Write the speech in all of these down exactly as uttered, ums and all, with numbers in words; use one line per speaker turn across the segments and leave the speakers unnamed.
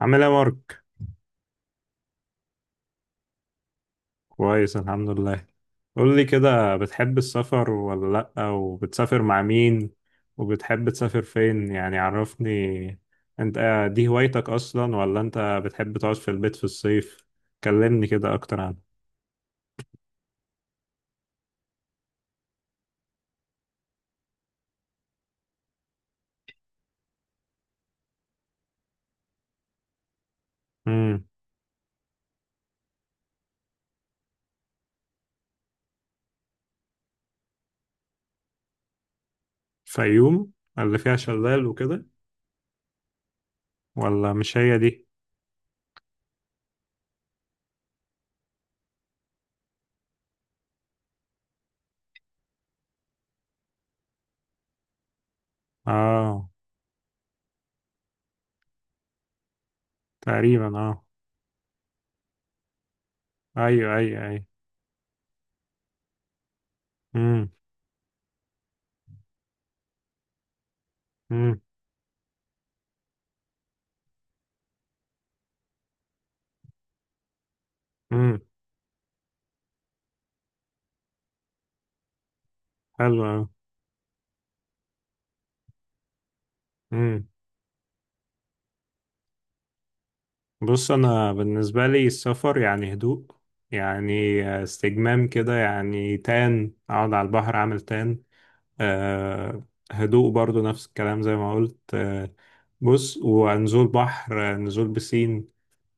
عامل ايه يا مارك؟ كويس، الحمد لله. قول لي كده، بتحب السفر ولا لأ؟ وبتسافر مع مين؟ وبتحب تسافر فين؟ يعني عرفني انت، آه، دي هوايتك اصلا ولا انت بتحب تقعد في البيت في الصيف؟ كلمني كده اكتر عنها. امم. فيوم؟ اللي فيها شلال وكده؟ ولا مش هي دي؟ اه. تقريبا اه. ايوه ايوه ايوه. امم امم امم. حلو أوي. بص انا بالنسبه لي السفر يعني هدوء، يعني آه، استجمام كده، يعني تان اقعد على البحر اعمل تان. أه. هدوء برضو، نفس الكلام زي ما قلت أه. بص، ونزول بحر، آه، نزول بسين.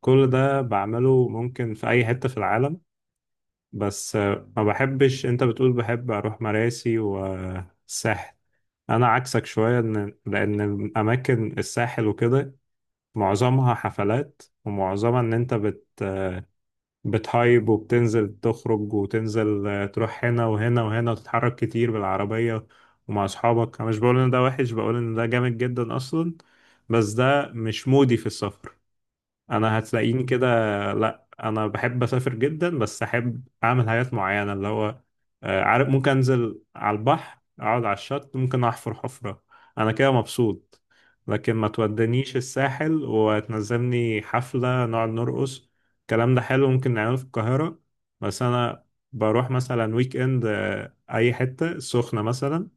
كل ده بعمله ممكن في اي حته في العالم. بس أه، ما بحبش. انت بتقول بحب اروح مراسي والساحل، انا عكسك شويه، ان لان الاماكن الساحل وكده معظمها حفلات، ومعظمها ان انت بت آه، بتهايب وبتنزل تخرج وتنزل، آه، تروح هنا وهنا وهنا وتتحرك كتير بالعربية ومع أصحابك. أنا مش بقول إن ده وحش، بقول إن ده جامد جدا أصلا، بس ده مش مودي في السفر. انا هتلاقيني كده. لا انا بحب اسافر جدا، بس احب اعمل حاجات معينه، اللي هو آه، عارف، ممكن انزل على البحر اقعد على الشط، ممكن احفر حفره، انا كده مبسوط. لكن ما تودنيش الساحل وتنزلني حفله نقعد نرقص. الكلام ده حلو ممكن نعمله في القاهره. بس انا بروح مثلا ويك اند، آه، اي حته سخنه مثلا،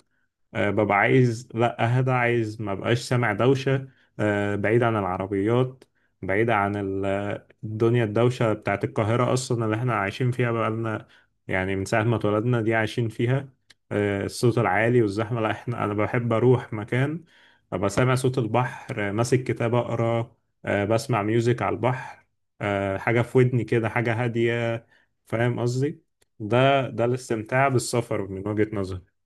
آه، ببقى عايز لا اهدى، عايز ما بقاش سامع دوشة، آه، بعيد عن العربيات، بعيد عن ال- الدنيا الدوشة بتاعت القاهرة أصلا، اللي احنا عايشين فيها بقالنا يعني من ساعة ما اتولدنا، دي عايشين فيها. آه، الصوت العالي والزحمة لا، احنا أنا بحب أروح مكان أبقى سامع صوت البحر، آه، ماسك كتاب أقرأ، آه، بسمع ميوزك على البحر، آه، حاجة في ودني كده، حاجة هادية. فاهم قصدي؟ ده ده الاستمتاع بالسفر من وجهة نظري.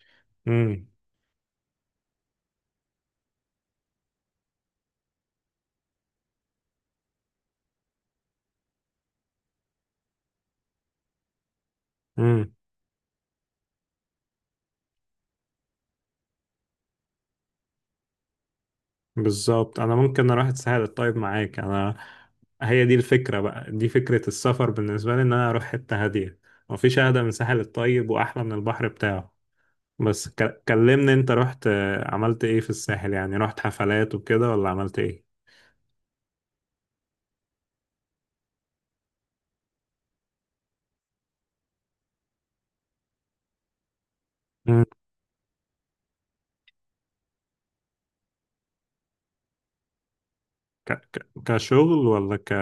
مم. بالظبط. انا ممكن اروح اتسهل طيب معاك انا، هي دي الفكره بقى، دي فكره السفر بالنسبه لي، ان انا اروح حته هاديه. مفيش اهدى من ساحل الطيب واحلى من البحر بتاعه. بس ك- كلمني انت رحت، آه، عملت ايه في الساحل؟ يعني رحت حفلات وكده ولا عملت ايه؟ مم. ك ك كشغل ولا ك؟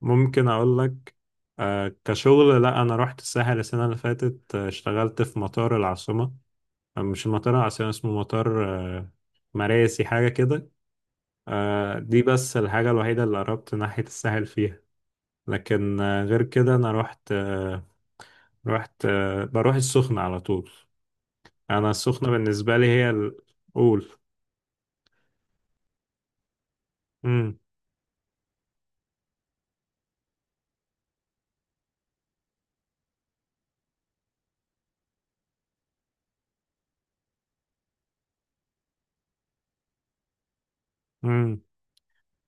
ممكن اقول لك، آه، كشغل، لا انا رحت الساحل السنه اللي فاتت، آه، اشتغلت في مطار العاصمه، آه، مش مطار العاصمه، اسمه مطار آه، مراسي، حاجه كده. آه، دي بس الحاجة الوحيدة اللي قربت ناحية الساحل فيها. لكن آه، غير كده أنا رحت آه، رحت آه، بروح السخنة على طول. أنا السخنة بالنسبة لي هي الأول. مم. مم.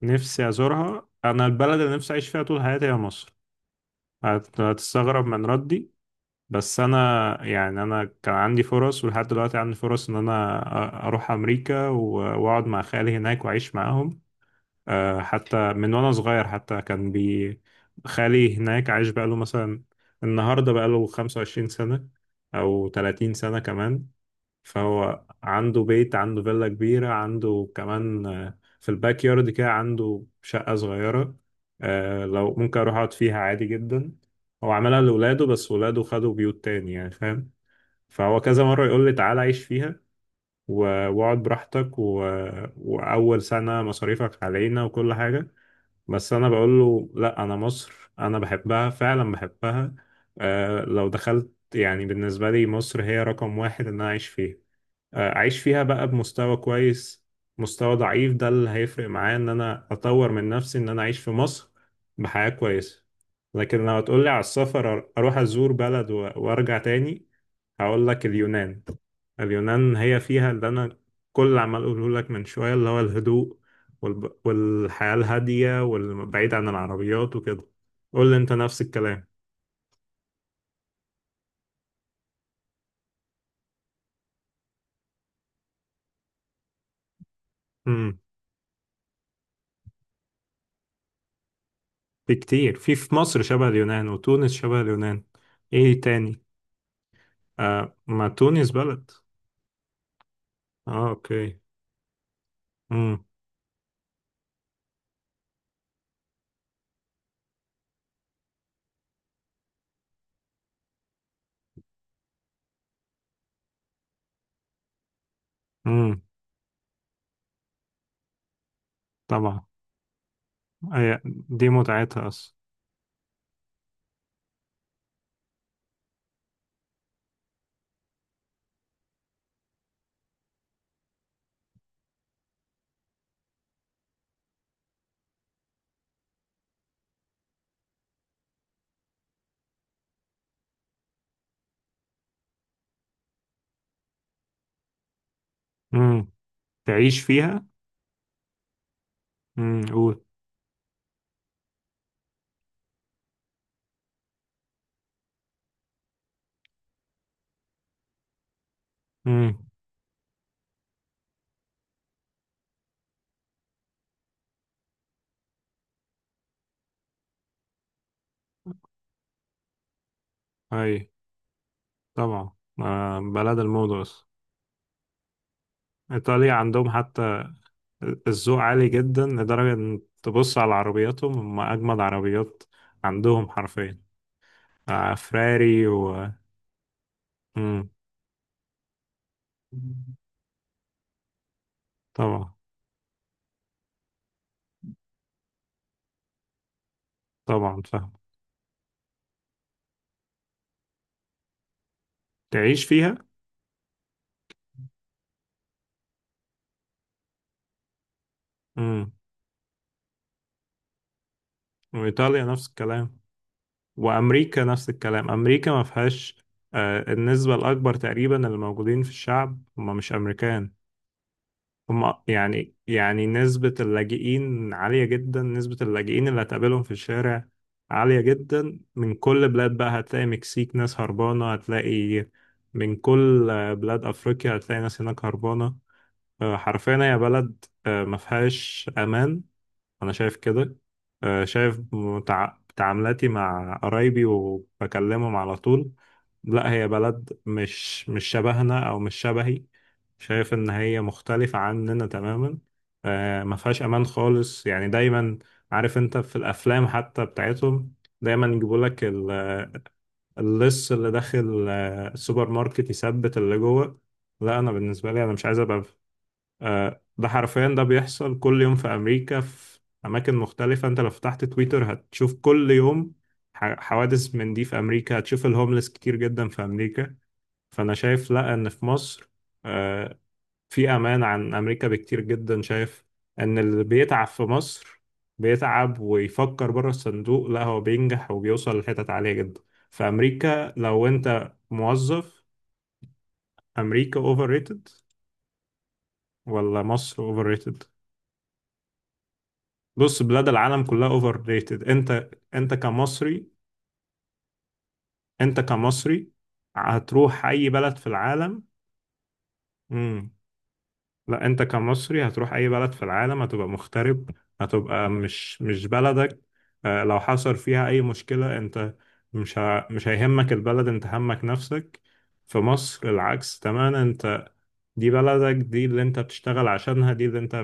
نفسي أزورها، أنا البلد اللي نفسي أعيش فيها طول حياتي هي مصر. هت- هتستغرب من ردي. بس أنا يعني، أنا كان عندي فرص، ولحد دلوقتي عندي فرص إن أنا أ- أروح أمريكا و- وأقعد مع خالي هناك وأعيش معاهم. آه، حتى من وانا صغير، حتى كان بي خالي هناك عايش بقاله مثلا النهارده بقاله خمسة وعشرين سنة او ثلاثون سنة كمان. فهو عنده بيت، عنده فيلا كبيرة، عنده كمان آه، في الباك يارد كده عنده شقة صغيرة، آه، لو ممكن اروح اقعد فيها عادي جدا. هو عملها لولاده، بس ولاده خدوا بيوت تاني، يعني فاهم. فهو كذا مرة يقول لي تعالى عيش فيها، و- واقعد براحتك و... وأول سنة مصاريفك علينا وكل حاجة. بس انا بقول له لا، انا مصر انا بحبها فعلا بحبها. آه لو دخلت يعني، بالنسبة لي مصر هي رقم واحد ان انا اعيش فيها. اعيش فيها بقى بمستوى كويس، مستوى ضعيف ده اللي هيفرق معايا، ان انا اطور من نفسي ان انا اعيش في مصر بحياة كويسة. لكن لو هتقولي على السفر، أر- اروح ازور بلد و- وارجع تاني، هقول لك اليونان. اليونان هي فيها اللي انا كل اللي عمال اقوله لك من شوية، اللي هو الهدوء والب... والحياة الهادية والبعيد عن العربيات وكده. قول لي انت نفس الكلام. امم. في كتير، في في مصر شبه اليونان، وتونس شبه اليونان، ايه تاني؟ آه ما تونس بلد. اه اوكي. امم. امم. طبعا. أي. دي متعتها اصلا. امم. تعيش فيها. امم قول. امم. اي طبعا. آه بلد الموضة اصلا. ايطاليا عندهم حتى الذوق عالي جدا، لدرجة ان تبص على عربياتهم، هم اجمد عربيات عندهم حرفيا. آه فراري و امم. طبعا. طبعا فاهم. تعيش فيها. امم. وايطاليا نفس الكلام، وامريكا نفس الكلام. امريكا ما فيهاش، آه، النسبه الاكبر تقريبا اللي موجودين في الشعب هم مش امريكان. هم يعني يعني نسبه اللاجئين عاليه جدا، نسبه اللاجئين اللي هتقابلهم في الشارع عاليه جدا من كل بلاد بقى. هتلاقي مكسيك ناس هربانه، هتلاقي من كل آه، بلاد افريقيا، هتلاقي ناس هناك هربانه. آه، حرفيا هي بلد آه، ما فيهاش امان، انا شايف كده. آه، شايف متع- تعاملاتي مع قرايبي وبكلمهم على طول. لا هي بلد مش مش شبهنا او مش شبهي، شايف ان هي مختلفة عننا تماما. آه، ما فيهاش امان خالص، يعني دايما عارف انت في الافلام حتى بتاعتهم دايما يجيبوا لك ال- اللص اللي داخل آه، السوبر ماركت يثبت اللي جوه. لا انا بالنسبة لي انا مش عايز ابقى. آه، ده حرفيا ده بيحصل كل يوم في أمريكا، في أماكن مختلفة. أنت لو فتحت تويتر هتشوف كل يوم ح- حوادث من دي في أمريكا. هتشوف الهوملس كتير جدا في أمريكا. فأنا شايف لأ، إن في مصر آه، في أمان عن أمريكا بكتير جدا. شايف إن اللي بيتعب في مصر بيتعب ويفكر بره الصندوق لأ، هو بينجح وبيوصل لحتت عالية جدا. في أمريكا لو أنت موظف. أمريكا أوفر ريتد ولا مصر أوفر ريتد؟ بص بلاد العالم كلها اوفر ريتد. انت انت كمصري، انت كمصري هتروح اي بلد في العالم. امم. لا انت كمصري هتروح اي بلد في العالم هتبقى مغترب، هتبقى مش مش بلدك. آه، لو حصل فيها اي مشكلة، انت مش ه... مش هيهمك البلد، انت همك نفسك. في مصر العكس تماما، انت دي بلدك، دي اللي انت بتشتغل عشانها، دي اللي انت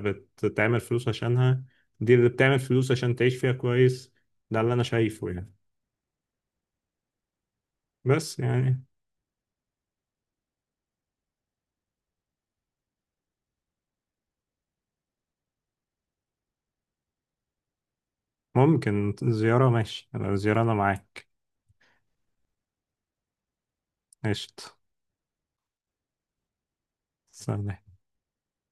بتعمل فلوس عشانها، دي اللي بتعمل فلوس عشان تعيش فيها كويس. ده اللي انا شايفه يعني، بس يعني. ممكن زيارة ماشي، لو زيارة أنا معاك. قشطة. سلام.